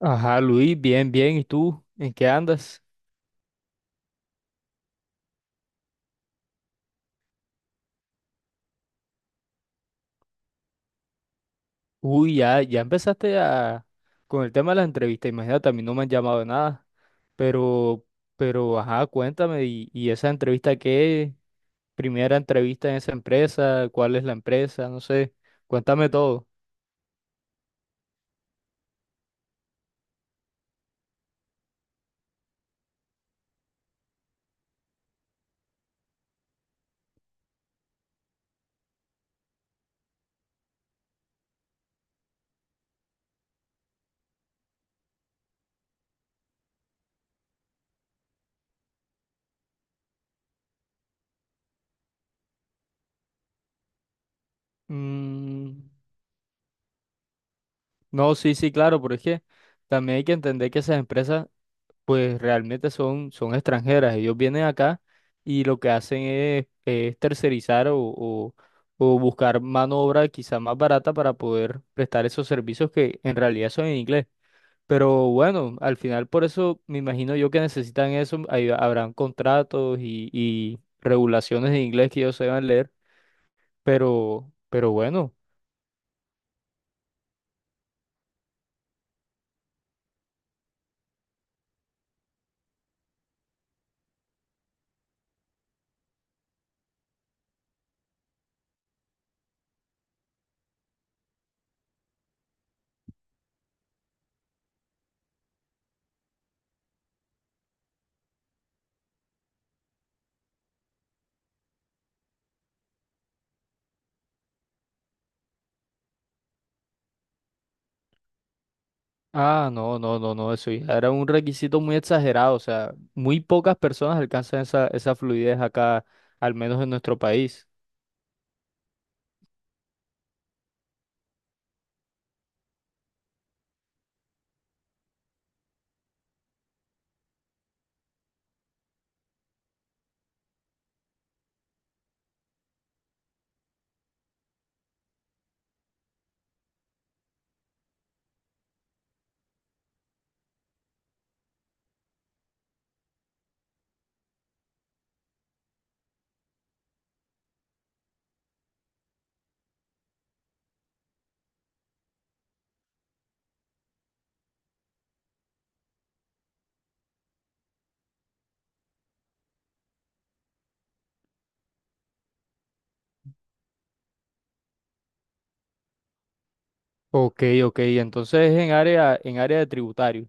Ajá, Luis, bien, bien. ¿Y tú? ¿En qué andas? Uy, ya empezaste a con el tema de las entrevistas. Imagínate, a mí no me han llamado de nada. Pero, pero, ajá, cuéntame. ¿Y esa entrevista qué? Primera entrevista en esa empresa. ¿Cuál es la empresa? No sé. Cuéntame todo. Mm, no, sí, sí, claro, pero es que también hay que entender que esas empresas pues realmente son extranjeras. Ellos vienen acá y lo que hacen es tercerizar o o buscar mano de obra quizá más barata para poder prestar esos servicios que en realidad son en inglés. Pero bueno, al final por eso me imagino yo que necesitan eso. Ahí habrán contratos y regulaciones en inglés que ellos se van a leer. Pero bueno. Ah, no, no, no, no, eso ya era un requisito muy exagerado, o sea, muy pocas personas alcanzan esa, esa fluidez acá, al menos en nuestro país. Ok, ok, entonces es en área de tributario.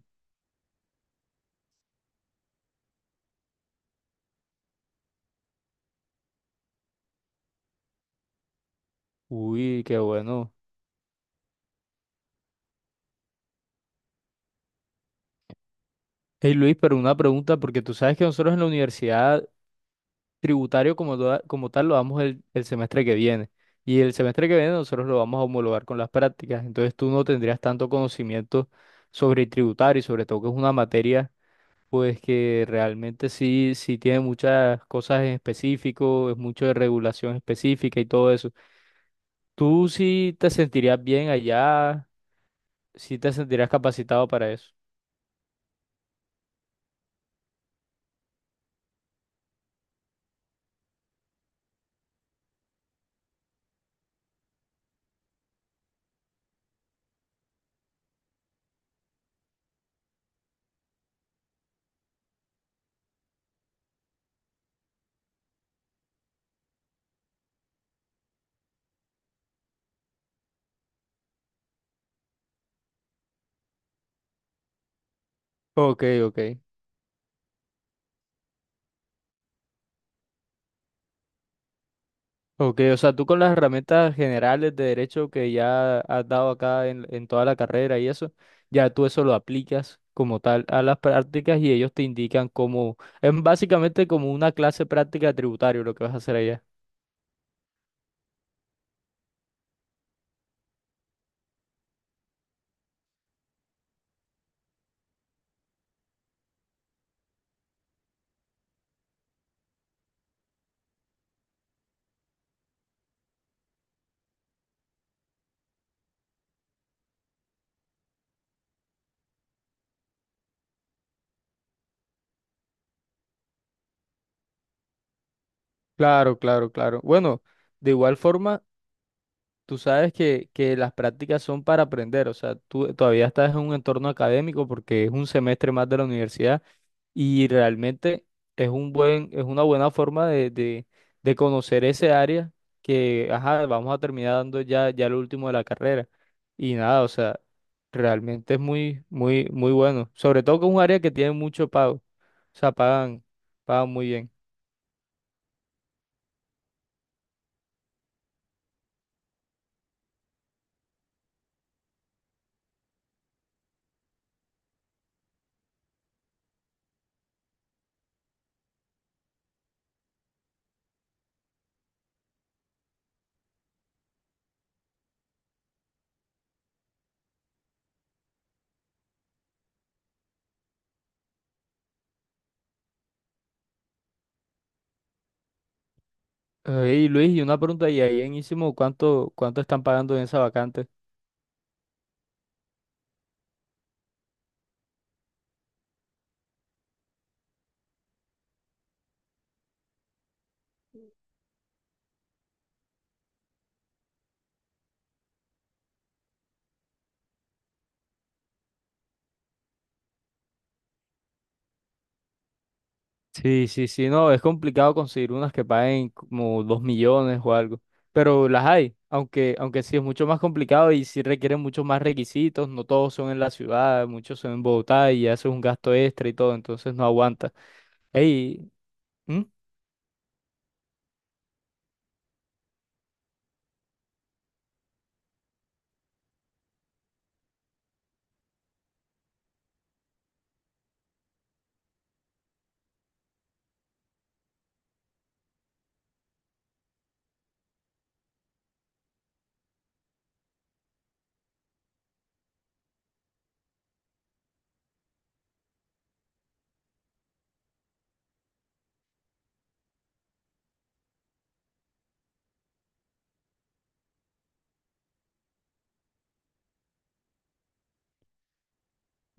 Uy, qué bueno. Hey Luis, pero una pregunta, porque tú sabes que nosotros en la universidad tributario como, toda- como tal lo damos el semestre que viene, y el semestre que viene nosotros lo vamos a homologar con las prácticas, entonces tú no tendrías tanto conocimiento sobre tributario, y sobre todo que es una materia. Pues que realmente sí, sí tiene muchas cosas en específico, es mucho de regulación específica y todo eso. ¿Tú sí te sentirías bien allá? ¿Sí te sentirías capacitado para eso? Ok, ok. Ok, o sea, tú con las herramientas generales de derecho que ya has dado acá en toda la carrera y eso, ya tú eso lo aplicas como tal a las prácticas y ellos te indican cómo, es básicamente como una clase práctica tributaria lo que vas a hacer allá. Claro, claro, claro. Bueno. De igual forma, tú sabes que las prácticas son para aprender, o sea, tú todavía estás en un entorno académico porque es un semestre más de la universidad y realmente es un buen, es una buena forma de de conocer ese área que, ajá, vamos a terminar dando ya, ya lo último de la carrera. Y nada, o sea, realmente es muy, muy, muy bueno. Sobre todo que es un área que tiene mucho pago, o sea, pagan, pagan muy bien. Y Luis, y una pregunta, ¿y ahí en Ísimo cuánto, cuánto están pagando en esa vacante? Sí, sí, sí, no, es complicado conseguir unas que paguen como 2 millones o algo, pero las hay, aunque, aunque sí es mucho más complicado y sí requieren muchos más requisitos, no todos son en la ciudad, muchos son en Bogotá y haces un gasto extra y todo, entonces no aguanta. Ey, ¿mm?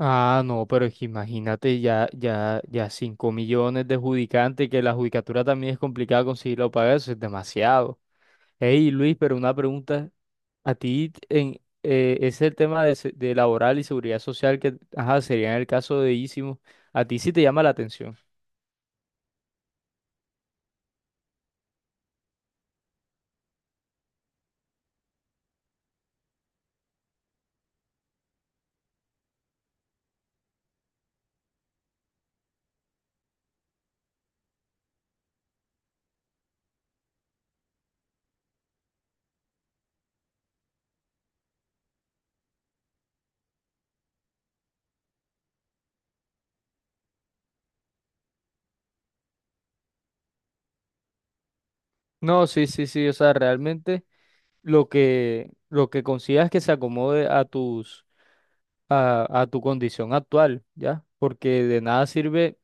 Ah, no, pero es que imagínate ya 5 millones de adjudicantes, que la judicatura también es complicada conseguirlo para eso, es demasiado. Ey, Luis, pero una pregunta, a ti en, es el tema de, se- de laboral y seguridad social que, ajá, sería en el caso de Ísimo. A ti sí te llama la atención. No, sí, sí, sí. O sea, realmente lo que consigas que se acomode a tus, a tu condición actual, ¿ya? Porque de nada sirve,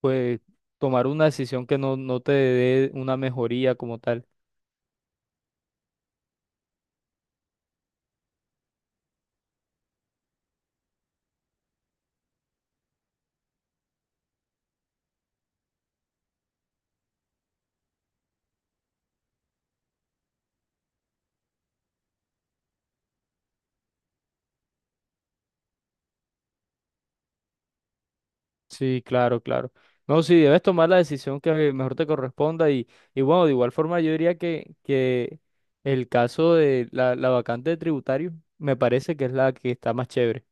pues, tomar una decisión que no, no te dé una mejoría como tal. Sí, claro, claro. No, sí, debes tomar la decisión que mejor te corresponda y bueno, de igual forma yo diría que el caso de la vacante de tributario me parece que es la que está más chévere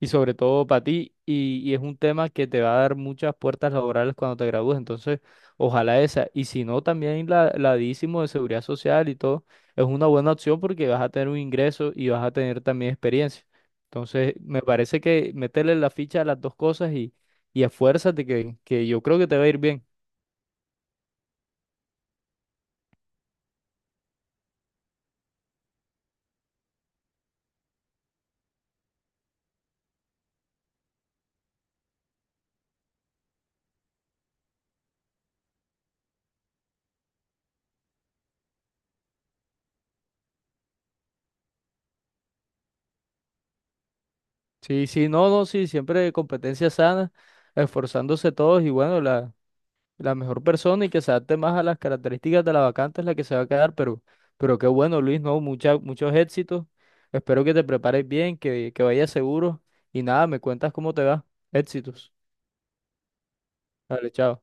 y sobre todo para ti, y es un tema que te va a dar muchas puertas laborales cuando te gradúes, entonces ojalá esa, y si no, también la DICIMO de seguridad social y todo, es una buena opción porque vas a tener un ingreso y vas a tener también experiencia. Entonces, me parece que meterle la ficha a las dos cosas y esfuérzate, que yo creo que te va a ir bien. Sí, sí, no, no, sí, siempre competencia sana, esforzándose todos y bueno, la la mejor persona y que se adapte más a las características de la vacante es la que se va a quedar, pero qué bueno, Luis, ¿no? Mucha- muchos éxitos. Espero que te prepares bien, que vayas seguro y nada, me cuentas cómo te va. Éxitos. Dale, chao.